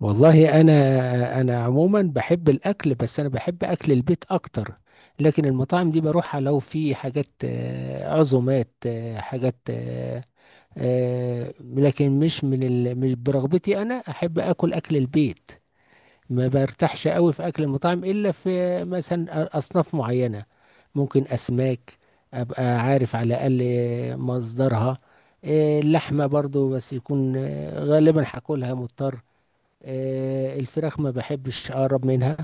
والله، انا عموما بحب الاكل، بس انا بحب اكل البيت اكتر. لكن المطاعم دي بروحها لو في حاجات، عزومات، حاجات، لكن مش من ال... مش برغبتي، انا احب اكل البيت. ما برتاحش قوي في اكل المطاعم الا في مثلا اصناف معينة. ممكن اسماك، ابقى عارف على الاقل مصدرها. اللحمة برضو، بس يكون غالبا هاكلها مضطر. الفراخ ما بحبش اقرب منها،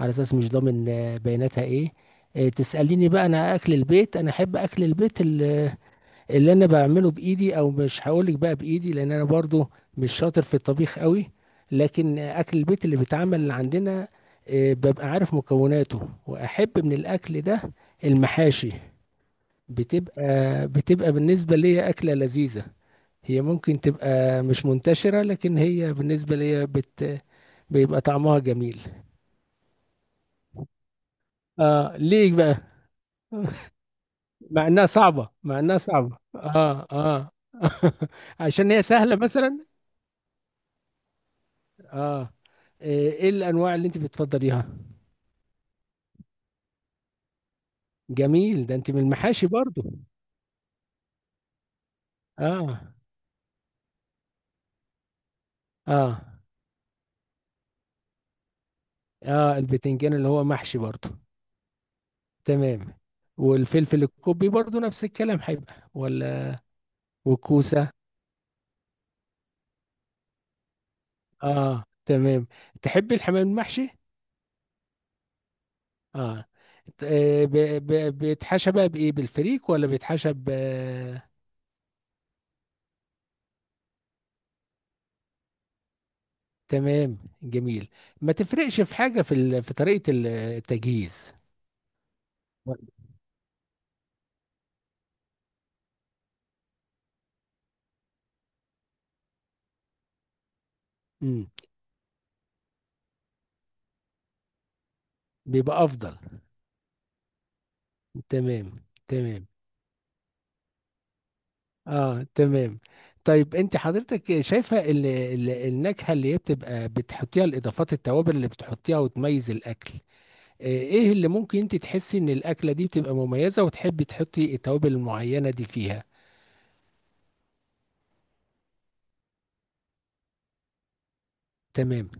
على اساس مش ضامن بياناتها ايه. تسأليني بقى، انا احب اكل البيت اللي انا بعمله بايدي، او مش هقولك بقى بايدي لان انا برضو مش شاطر في الطبيخ قوي. لكن اكل البيت اللي بيتعمل عندنا، ببقى عارف مكوناته، واحب من الاكل ده المحاشي. بتبقى بالنسبة لي أكلة لذيذة. هي ممكن تبقى مش منتشرة، لكن هي بالنسبة لي بيبقى طعمها جميل. اه، ليه بقى؟ مع انها صعبة، اه اه. عشان هي سهلة مثلا. اه. آه، ايه الانواع اللي انت بتفضليها؟ جميل، ده انت من المحاشي برضو. اه. اه. اه، البتنجان اللي هو محشي برضو. تمام. والفلفل الكوبي برضو نفس الكلام، هيبقى ولا؟ والكوسة؟ اه. تمام. تحبي الحمام المحشي؟ اه. ت- آه، ب- بيتحشى بقى بايه، بالفريك ولا بيتحشى ب آه، تمام. جميل. ما تفرقش في حاجه، في طريقه التجهيز. امم. بيبقى افضل. تمام، تمام. اه، تمام. طيب، انت حضرتك شايفه النكهه اللي هي بتبقى بتحطيها، الاضافات التوابل اللي بتحطيها وتميز الاكل، ايه اللي ممكن انت تحسي ان الاكله دي بتبقى مميزه، وتحبي تحطي التوابل المعينه دي فيها؟ تمام.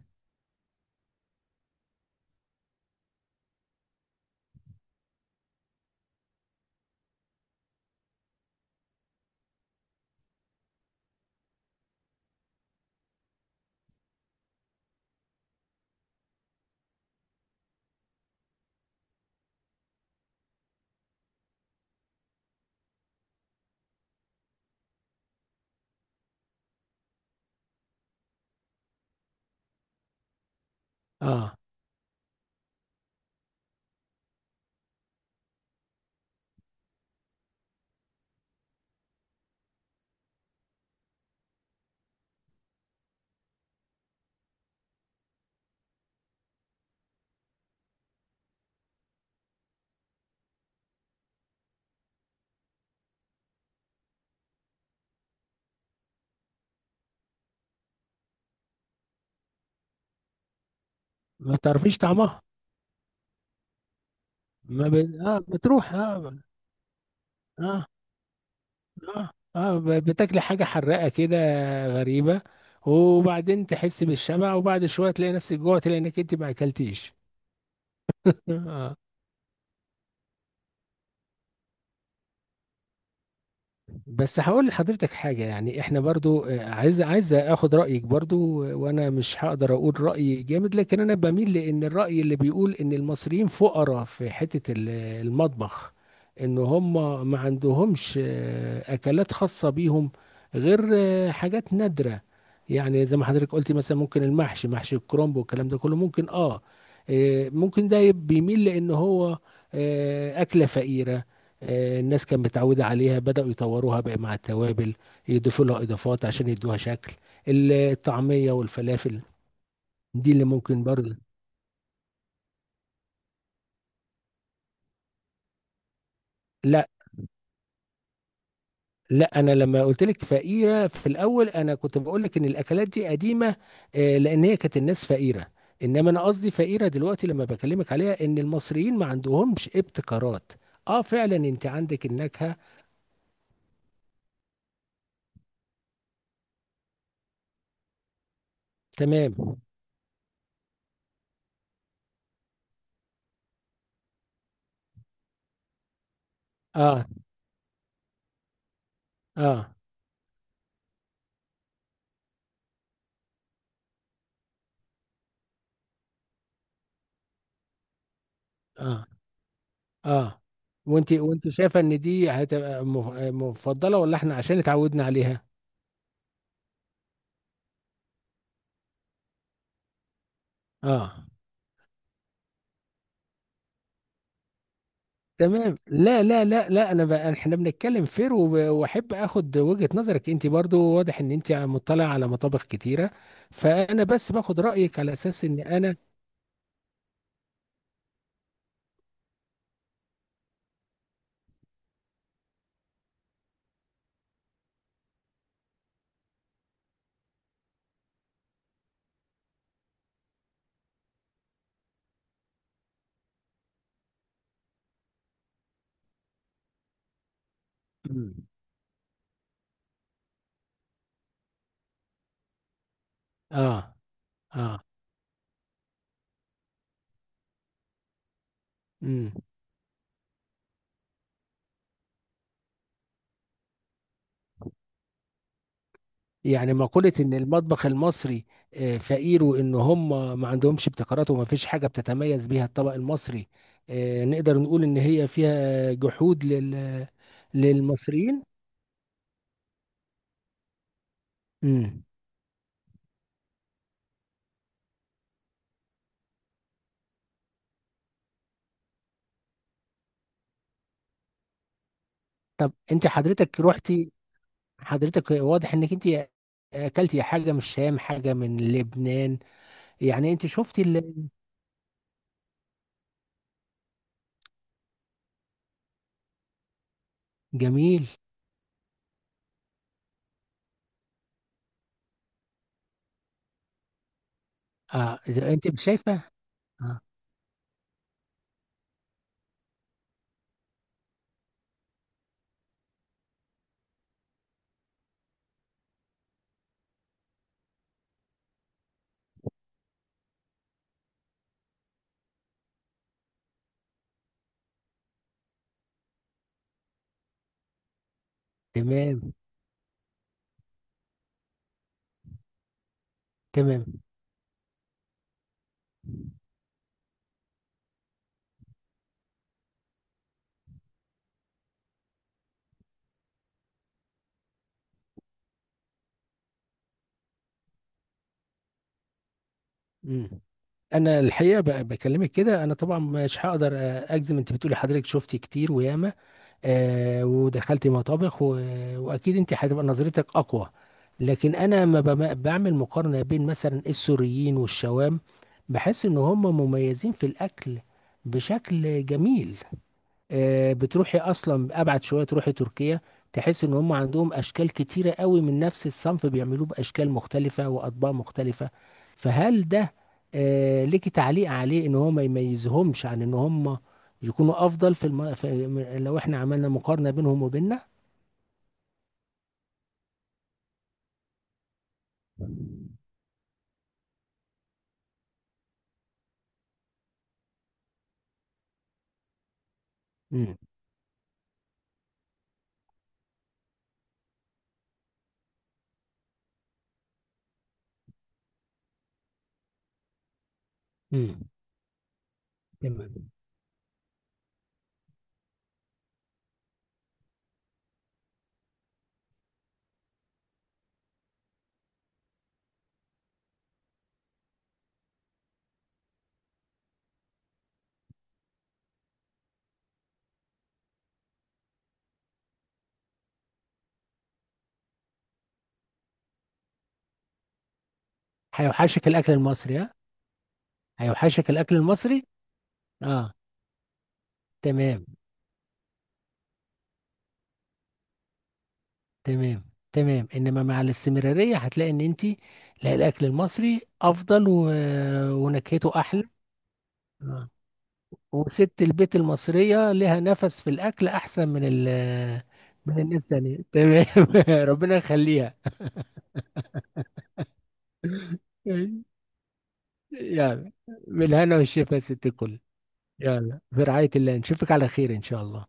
اه. ما تعرفيش طعمها. ما ب... آه بتروح. آه آه, بتاكلي حاجة حراقة كده غريبة، وبعدين تحس بالشبع، وبعد شوية تلاقي نفسك جوع، تلاقي انك انت ما اكلتيش. آه. بس هقول لحضرتك حاجة، يعني احنا برضو عايز اخد رأيك برضو. وانا مش هقدر اقول رأي جامد، لكن انا بميل لان الرأي اللي بيقول ان المصريين فقراء في حتة المطبخ، ان هم ما عندهمش اكلات خاصة بيهم، غير حاجات نادرة. يعني زي ما حضرتك قلتي، مثلا ممكن محشي الكرنب والكلام ده كله، ممكن اه. ممكن ده بيميل لان هو أكلة فقيرة، الناس كانت متعودة عليها، بدأوا يطوروها بقى مع التوابل، يضيفوا لها إضافات عشان يدوها شكل. الطعمية والفلافل دي اللي ممكن برضه. لا، لا، انا لما قلت لك فقيره في الاول، انا كنت بقول لك ان الاكلات دي قديمه، لان هي كانت الناس فقيره. انما انا قصدي فقيره دلوقتي، لما بكلمك عليها، ان المصريين ما عندهمش ابتكارات. اه، فعلا انت عندك النكهه. تمام. اه، اه، اه، اه. وانت شايفه ان دي هتبقى مفضله، ولا احنا عشان اتعودنا عليها؟ اه، تمام. لا، لا، لا، لا، انا بقى احنا بنتكلم فير، واحب اخد وجهه نظرك. انت برضو واضح ان انت مطلع على مطابخ كتيره، فانا بس باخد رايك على اساس ان انا. مم. اه. اه. مم. يعني مقولة إن المطبخ المصري، فقير، وإن هم ما عندهمش ابتكارات، وما فيش حاجة بتتميز بيها الطبق المصري، نقدر نقول إن هي فيها جحود للمصريين. مم. طب، أنت حضرتك روحتي حضرتك واضح إنك أنت أكلتي حاجة من الشام، حاجة من لبنان. يعني أنت شفتي جميل. أه، إذا أنت شايفة. أه. تمام، تمام. مم. انا الحقيقه بكلمك كده، انا طبعا مش هقدر اجزم. انت بتقولي حضرتك شفتي كتير وياما، ودخلتي مطابخ واكيد انت هتبقى نظرتك اقوى. لكن انا ما بعمل مقارنه بين مثلا السوريين والشوام، بحس ان هم مميزين في الاكل بشكل جميل. بتروحي اصلا، ابعد شويه تروحي تركيا، تحس ان هم عندهم اشكال كتيره قوي من نفس الصنف، بيعملوه باشكال مختلفه واطباق مختلفه. فهل ده ليكي تعليق عليه، ان هو ما يميزهمش عن ان هم يكونوا افضل في، لو احنا عملنا مقارنه بينهم وبيننا؟ امم، امم. تمام. هيوحشك الاكل المصري، ها؟ هيوحشك الاكل المصري. اه. تمام، تمام، تمام. انما مع الاستمرارية هتلاقي ان انت، لا، الاكل المصري افضل، و... ونكهته احلى. آه. وست البيت المصرية لها نفس في الاكل احسن من الناس الثانية. تمام. ربنا يخليها. يلا. بالهنا والشفا يا ست الكل. يلا، في رعاية الله، نشوفك على خير ان شاء الله.